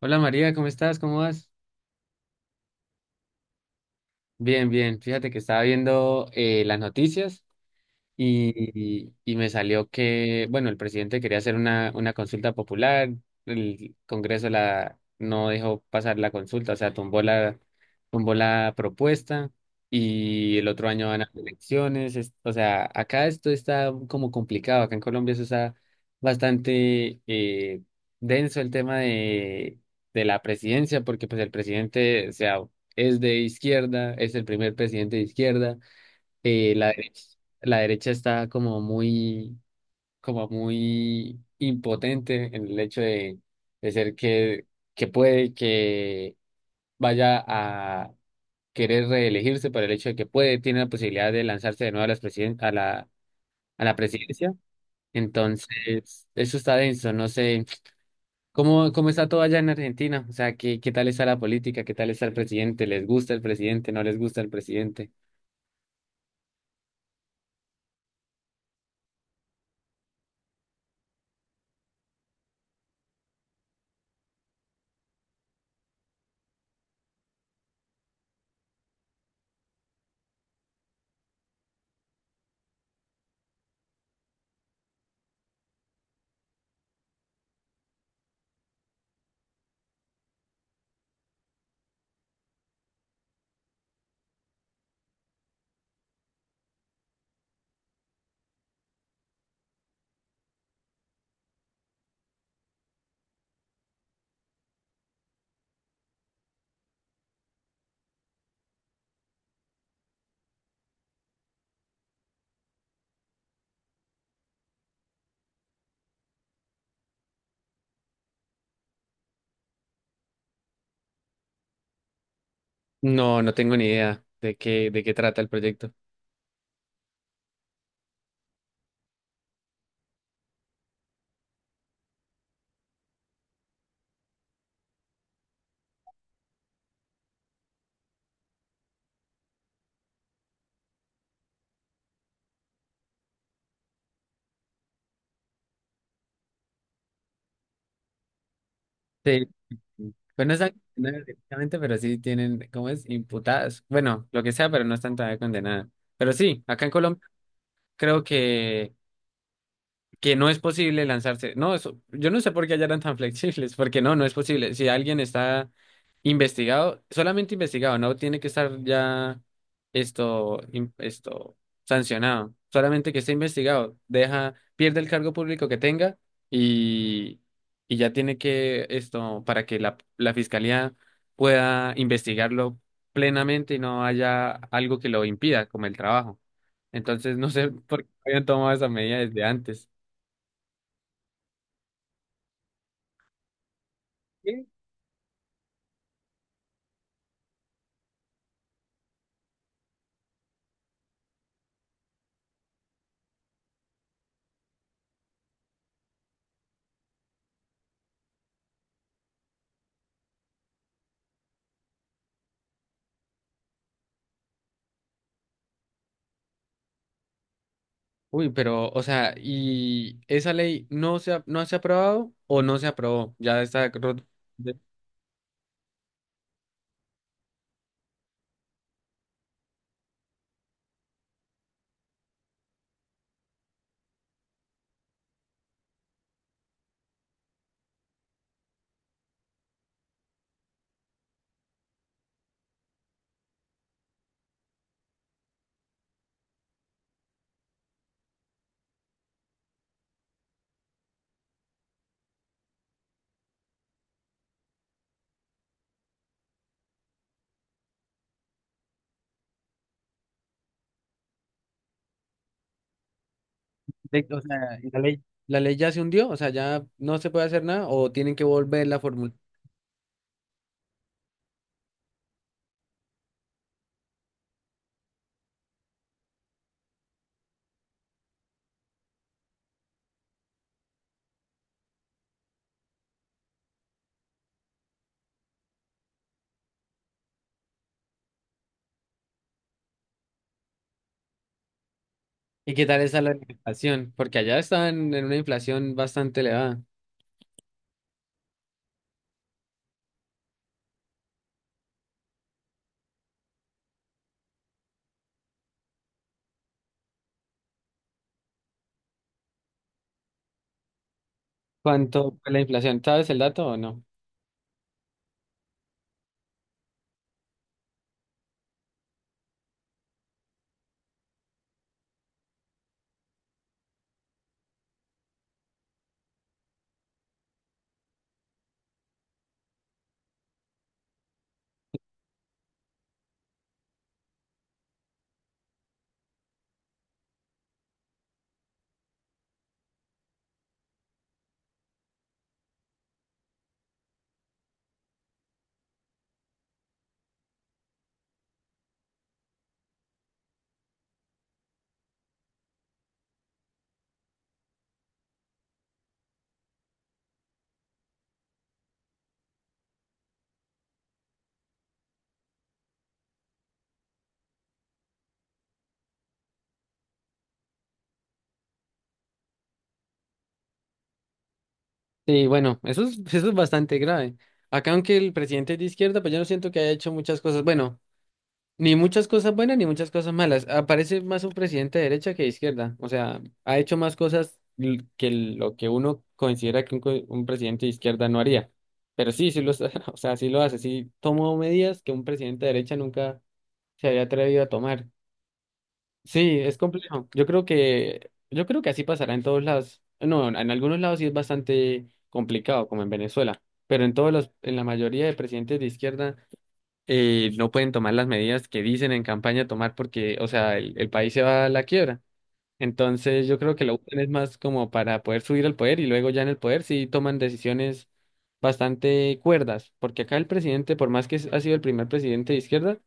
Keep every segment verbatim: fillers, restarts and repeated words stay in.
Hola María, ¿cómo estás? ¿Cómo vas? Bien, bien. Fíjate que estaba viendo eh, las noticias. Y, y me salió que, bueno, el presidente quería hacer una, una consulta popular. El Congreso la, no dejó pasar la consulta. O sea, tumbó la, tumbó la propuesta y el otro año van a elecciones. Es- o sea, acá esto está como complicado. Acá en Colombia eso está bastante eh, denso el tema de, de la presidencia, porque pues el presidente, o sea, es de izquierda, es el primer presidente de izquierda. Eh, la derecha, la derecha está como muy, como muy impotente en el hecho de, de ser que, que puede que vaya a querer reelegirse por el hecho de que puede, tiene la posibilidad de lanzarse de nuevo a las presiden- a la, a la presidencia. Entonces, eso está denso. No sé cómo, cómo está todo allá en Argentina, o sea, qué, qué tal está la política, qué tal está el presidente, ¿les gusta el presidente, no les gusta el presidente? No, no tengo ni idea de qué, de qué trata el proyecto. Sí, pues no están condenadas directamente, pero sí tienen, ¿cómo es? Imputadas. Bueno, lo que sea, pero no están todavía condenadas. Pero sí, acá en Colombia creo que que no es posible lanzarse. No, eso, yo no sé por qué allá eran tan flexibles, porque no, no es posible. Si alguien está investigado, solamente investigado, no tiene que estar ya esto, in- esto, sancionado. Solamente que esté investigado, deja, pierde el cargo público que tenga y, y ya tiene que esto, para que la, la fiscalía pueda investigarlo plenamente y no haya algo que lo impida, como el trabajo. Entonces, no sé por qué habían tomado esa medida desde antes. ¿Sí? Uy, pero, o sea, ¿y esa ley no se ha, no se ha aprobado o no se aprobó? Ya está, ro- de- de- o sea, ¿y la ley, la ley ya se hundió? O sea, ¿ya no se puede hacer nada o tienen que volver la fórmula? ¿Y qué tal está la inflación? Porque allá están en una inflación bastante elevada. ¿Cuánto fue la inflación? ¿Sabes el dato o no? Sí, bueno, eso es, eso es bastante grave. Acá, aunque el presidente es de izquierda, pues yo no siento que haya hecho muchas cosas. Bueno. Ni muchas cosas buenas ni muchas cosas malas. Aparece más un presidente de derecha que de izquierda. O sea, ha hecho más cosas l- que lo que uno considera que un, co- un presidente de izquierda no haría. Pero sí, sí lo, está- o sea, sí lo hace. Sí tomó medidas que un presidente de derecha nunca se había atrevido a tomar. Sí, es complejo. Yo creo que, yo creo que así pasará en todos lados. No, en algunos lados sí es bastante complicado, como en Venezuela. Pero en todos los, en la mayoría de presidentes de izquierda eh, no pueden tomar las medidas que dicen en campaña tomar porque, o sea, el, el país se va a la quiebra. Entonces yo creo que lo usan es más como para poder subir al poder y luego ya en el poder sí toman decisiones bastante cuerdas, porque acá el presidente, por más que es- ha sido el primer presidente de izquierda,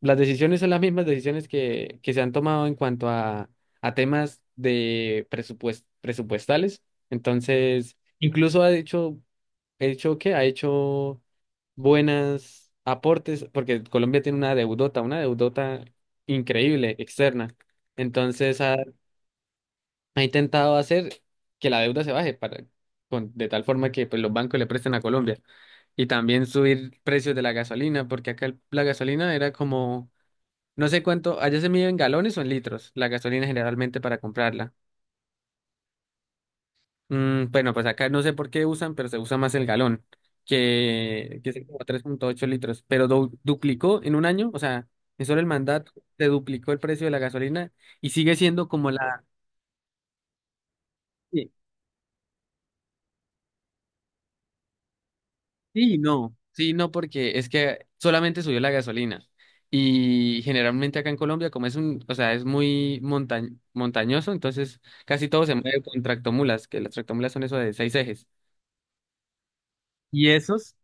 las decisiones son las mismas decisiones que, que se han tomado en cuanto a, a temas de presupuest- presupuestales. Entonces, incluso ha dicho he hecho que ha hecho buenas aportes, porque Colombia tiene una deudota, una deudota increíble, externa. Entonces ha, ha intentado hacer que la deuda se baje para, con- de tal forma que pues, los bancos le presten a Colombia. Y también subir precios de la gasolina, porque acá el- la gasolina era como, no sé cuánto, allá se mide en galones o en litros, la gasolina generalmente para comprarla. Mm, bueno, pues acá no sé por qué usan, pero se usa más el galón, que, que es como tres punto ocho litros, pero du- duplicó en un año. O sea, en solo el mandato se duplicó el precio de la gasolina y sigue siendo como la... Sí, sí, no, sí, no, porque es que solamente subió la gasolina y generalmente acá en Colombia, como es un, o sea, es muy monta- montañoso, entonces casi todo se mueve con tractomulas, que las tractomulas son eso de seis ejes. Y esos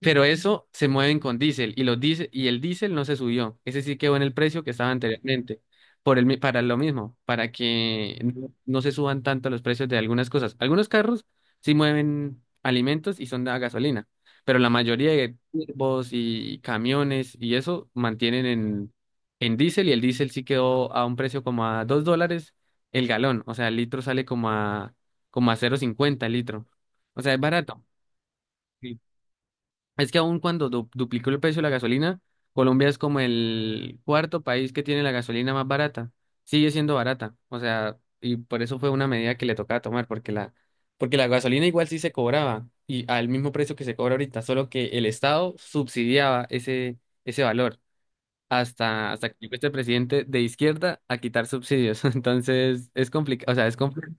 Pero eso se mueven con diésel y los diésel, y el diésel no se subió. Ese sí quedó en el precio que estaba anteriormente. Por el, mi- para lo mismo, para que no, no se suban tanto los precios de algunas cosas. Algunos carros sí mueven alimentos y son de a gasolina, pero la mayoría de turbos y camiones y eso mantienen en, en diésel y el diésel sí quedó a un precio como a dos dólares el galón. O sea, el litro sale como a, como a cero punto cincuenta el litro. O sea, es barato. Es que aun cuando du- duplicó el precio de la gasolina, Colombia es como el cuarto país que tiene la gasolina más barata. Sigue siendo barata. O sea, y por eso fue una medida que le tocaba tomar, porque la, porque la gasolina igual sí se cobraba, y al mismo precio que se cobra ahorita, solo que el Estado subsidiaba ese, ese valor. Hasta, hasta que llegó este presidente de izquierda a quitar subsidios. Entonces, es complicado, o sea, es complicado.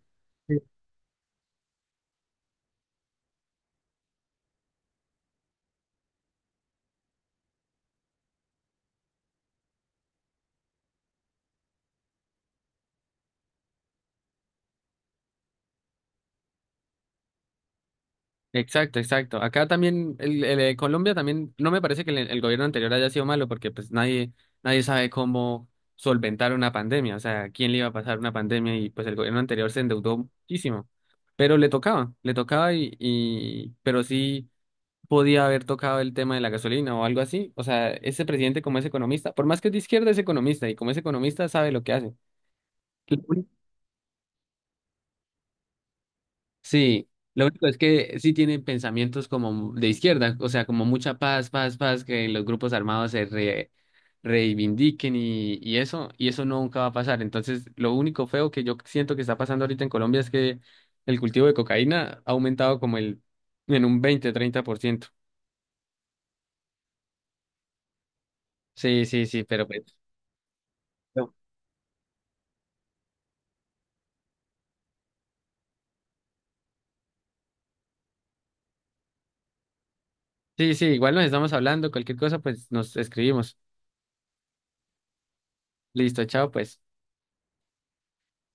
Exacto, exacto. Acá también, el, el de Colombia también, no me parece que el, el gobierno anterior haya sido malo porque pues nadie, nadie sabe cómo solventar una pandemia. O sea, quién le iba a pasar una pandemia, y pues el gobierno anterior se endeudó muchísimo, pero le tocaba, le tocaba y, y pero sí podía haber tocado el tema de la gasolina o algo así. O sea, ese presidente como es economista, por más que es de izquierda es economista, y como es economista sabe lo que hace. Sí, lo único es que sí tienen pensamientos como de izquierda, o sea, como mucha paz, paz, paz, que los grupos armados se re- reivindiquen, y, y eso, y eso nunca va a pasar. Entonces, lo único feo que yo siento que está pasando ahorita en Colombia es que el cultivo de cocaína ha aumentado como el, en un veinte treinta por ciento. Sí, sí, sí, pero pues, no. Sí, sí, igual nos estamos hablando. Cualquier cosa, pues nos escribimos. Listo, chao, pues.